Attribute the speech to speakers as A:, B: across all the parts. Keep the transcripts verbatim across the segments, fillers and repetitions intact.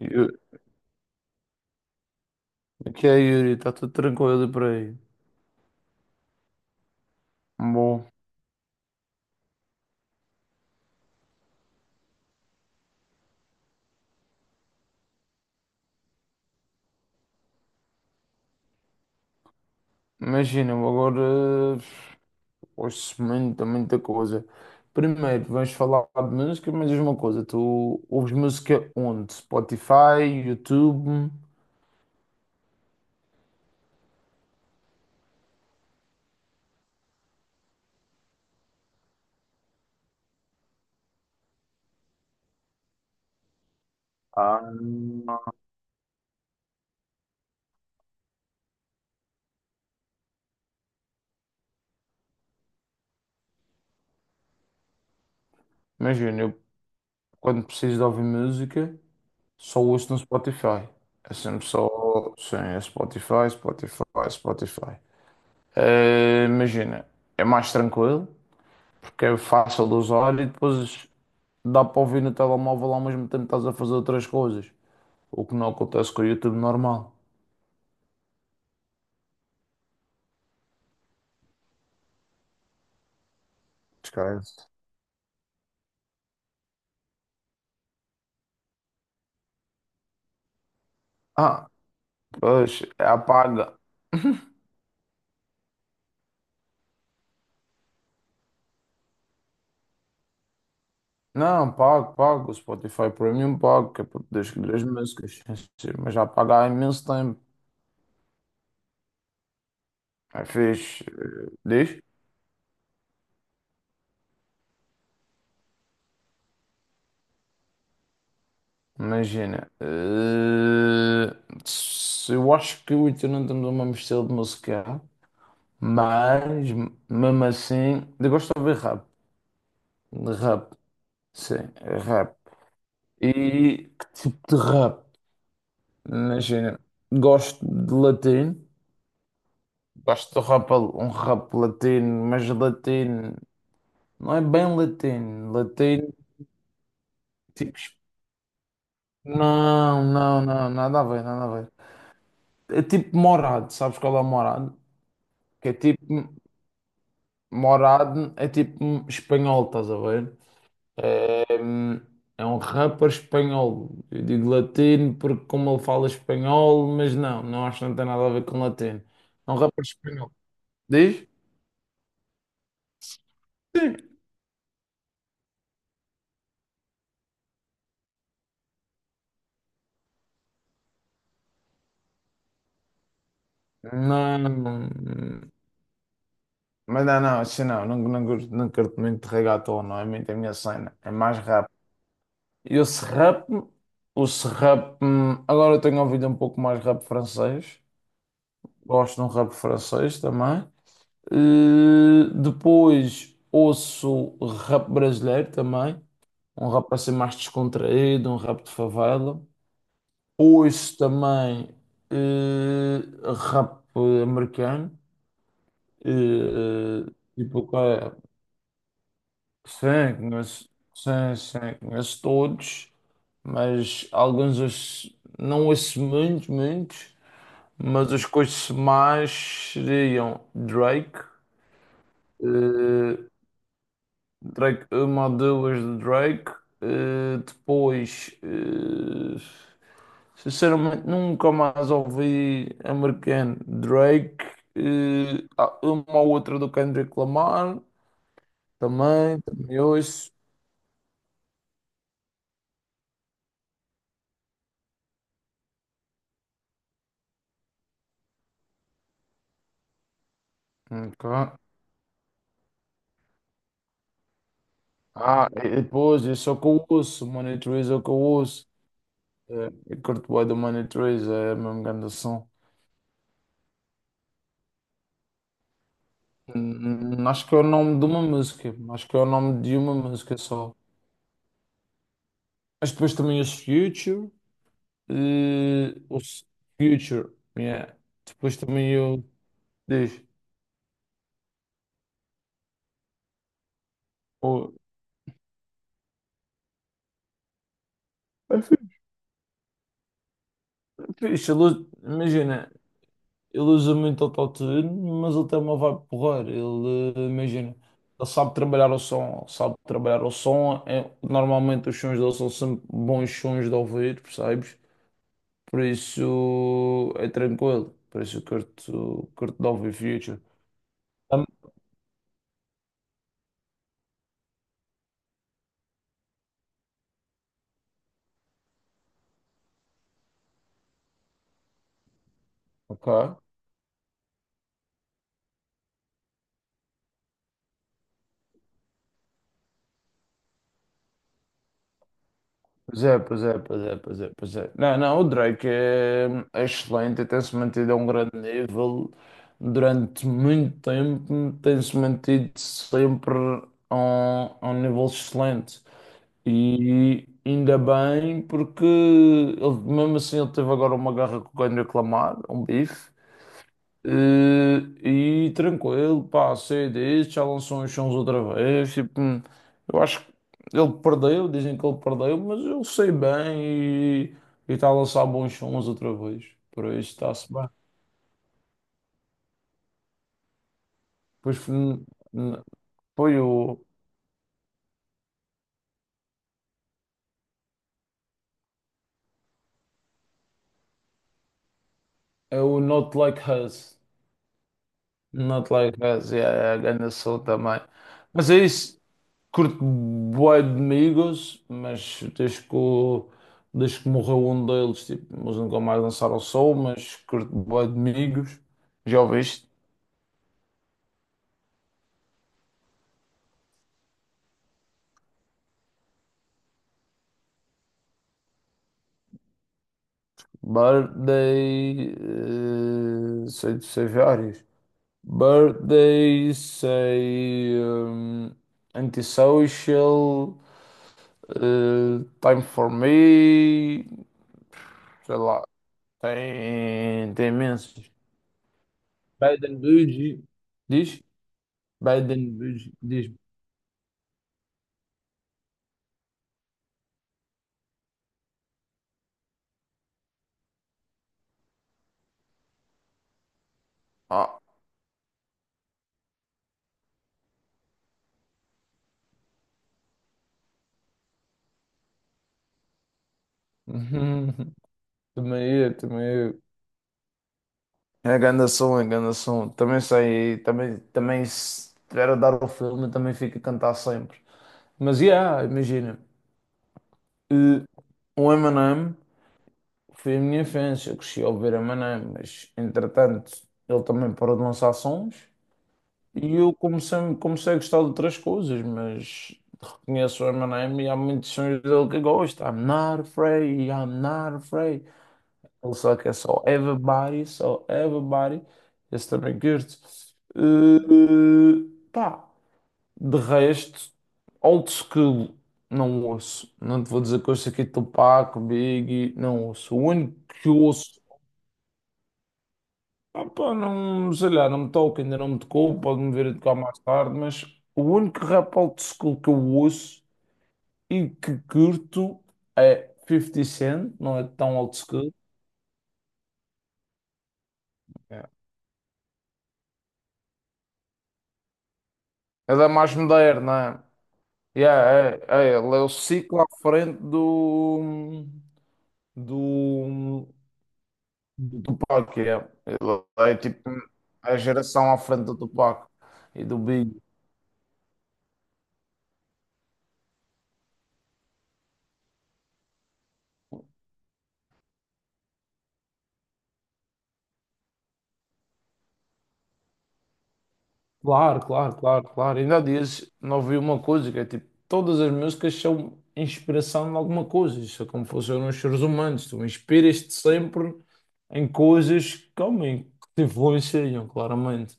A: Eu- O que é, Yuri? Está tudo tranquilo por aí. Bom, imagina, eu agora ouço muita, muita coisa. Primeiro, vamos falar de música, mas diz uma coisa, tu ouves música onde? Spotify, YouTube? Ah, imagina, eu quando preciso de ouvir música, só ouço no Spotify. É sempre só, sim, é Spotify, Spotify, Spotify. Eh, imagina, é mais tranquilo, porque é fácil de usar e depois dá para ouvir no telemóvel ao mesmo tempo que estás a fazer outras coisas, o que não acontece com o YouTube normal. Esquece. Ah, pois, é, apaga. Não, pago, pago. O Spotify Premium pago, que é para poder escolher as músicas. Sim, mas já pago há imenso tempo. É fixe. Eh, Diz? Imagina. Eh, se- eu acho que o Ita não temos o mesmo estilo de música, mas mesmo assim, eu gosto de ouvir rap. De rap, sim, é rap. E que tipo de rap? Imagina, gosto de latino, gosto de rap, um rap latino, mas latino, não é bem latino, latino, tipo, es- não, não, não, nada a ver, nada a ver. É tipo morado, sabes qual é o morado? Que é tipo, morado é tipo espanhol, estás a ver? É, hum, é um rapper espanhol. Eu digo latino porque como ele fala espanhol, mas não, não acho que não tem nada a ver com latino. É um rapper espanhol. Diz? Sim. Não, não- mas não, não, assim não, não, não, curto- não curto muito de reggaeton, não é muito a minha cena, é mais rap. E o rap, o rap, agora eu tenho ouvido um pouco mais rap francês, gosto de um rap francês também. Eh, depois ouço rap brasileiro também, um rap assim mais descontraído, um rap de favela. Ouço também eh, rap americano, eh, tipo, que é, sim, conheço, sim, sim, conheço todos, mas alguns ouço- não ouço muitos, muitos, mas os que ouço mais seriam Drake. eh, Drake, uma ou duas de Drake. Eh, depois, eh, sinceramente, nunca mais ouvi americano. Drake, eh, há uma ou outra do Kendrick Lamar, também, também ouço. Ok. Ah, e e depois, eu só que eu ouço, Money Trees é o que eu ouço. Eh, Eu curto bem do Money Trees, é a mesma grande som. Hum, hum. Acho que é o nome de uma música, acho que é o nome de uma música só. Mas depois também ouço Future. Eh, o S- Future, yeah. Depois também eu diz, oh, é fixe, ele usa- imagina, ele usa muito autotune, mas ele tem uma vibe porreira, ele, eh, imagina, ele sabe trabalhar o som, sabe trabalhar o som, é- normalmente os sons dele são sempre bons sons de ouvir, percebes? Por isso é tranquilo, por isso eu curto, curto de ouvir Future. Tam- Ok. Pois é, pois é, pois é, pois é, pois é. Não, não, o Drake é, é excelente, e tem-se mantido a um grande nível durante muito tempo, tem-se mantido sempre a um, a um nível excelente. E ainda bem, porque ele, mesmo assim ele teve agora uma guerra com o Kendrick Lamar, um bife, eh, e tranquilo, pá, sei disso, já lançou uns sons outra vez. Tipo, hum, eu acho que ele perdeu, dizem que ele perdeu, mas eu sei bem e e está a lançar bons sons outra vez. Por isso está-se bem. Pois foi, hum, hum, foi o, é o Not Like Us. Not Like Us, yeah, é a grande som também. Mas é isso. Curto bué de amigos, mas desde que, o- desde que morreu um deles, tipo, eles nunca mais dançaram ao sol, mas curto bué de amigos. Já ouviste? Birthday, eh, sei, sei vários. Birthday, sei, hum, Antisocial, eh, Time for Me, sei lá, tem, tem imensos. Bad and Bougie, diz? Bad and Bougie, diz. Ah, Uhum. Também eu, também eu. É grande som, é grande som. Também sei, também, também se tiver a dar o filme, também fico a cantar sempre. Mas, yeah, imagina. Eh, O Eminem foi a minha infância, eu cresci a ouvir Eminem, mas entretanto ele também parou de lançar sons e eu comecei, comecei a gostar de outras coisas, mas reconheço o Eminem e há muitos sons dele que eu gosto. I'm not afraid, I'm not afraid. Ele só quer só everybody, só everybody. Esse também curto. Eh, pá, de resto, old school, não ouço. Não te vou dizer que ouço aqui Tupac, Biggie, não ouço. O único que ouço, ah, pá, não, sei lá, não me toca, ainda não me tocou, pode-me vir a tocar mais tarde, mas o único rap old school que eu ouço e que curto é fifty Cent, não é tão old school. É É da mais moderna. Yeah, é, é, ele é o ciclo à frente do, do, do Tupac. é Ele é tipo a geração à frente do Tupac e do Big. Claro, claro, claro, claro. Ainda há dias não ouvi uma coisa que é tipo: todas as músicas são inspiração em alguma coisa. Isso é como funcionam os seres humanos. Tu inspiras-te sempre em coisas que, homem, que te influenciam, claramente.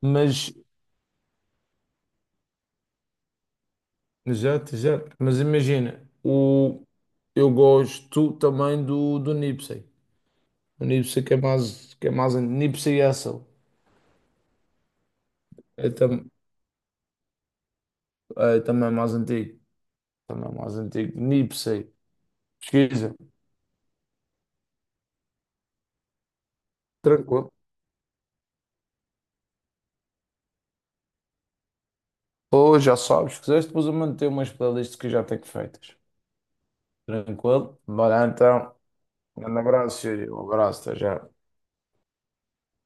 A: Mas Exato, exato. Mas imagina, o... eu gosto também do, do Nipsey. O Nipsey que é mais, que é mais an- Nipsey Hussle. É, tam... é também é mais antigo. Também é mais antigo. Nipsey. Pesquisa. Tranquilo. Ou já sabes, se quiseres, depois eu manter umas playlists que eu já tenho feitas. Tranquilo? Bora então. Um grande abraço, Yuri. Um abraço, até já.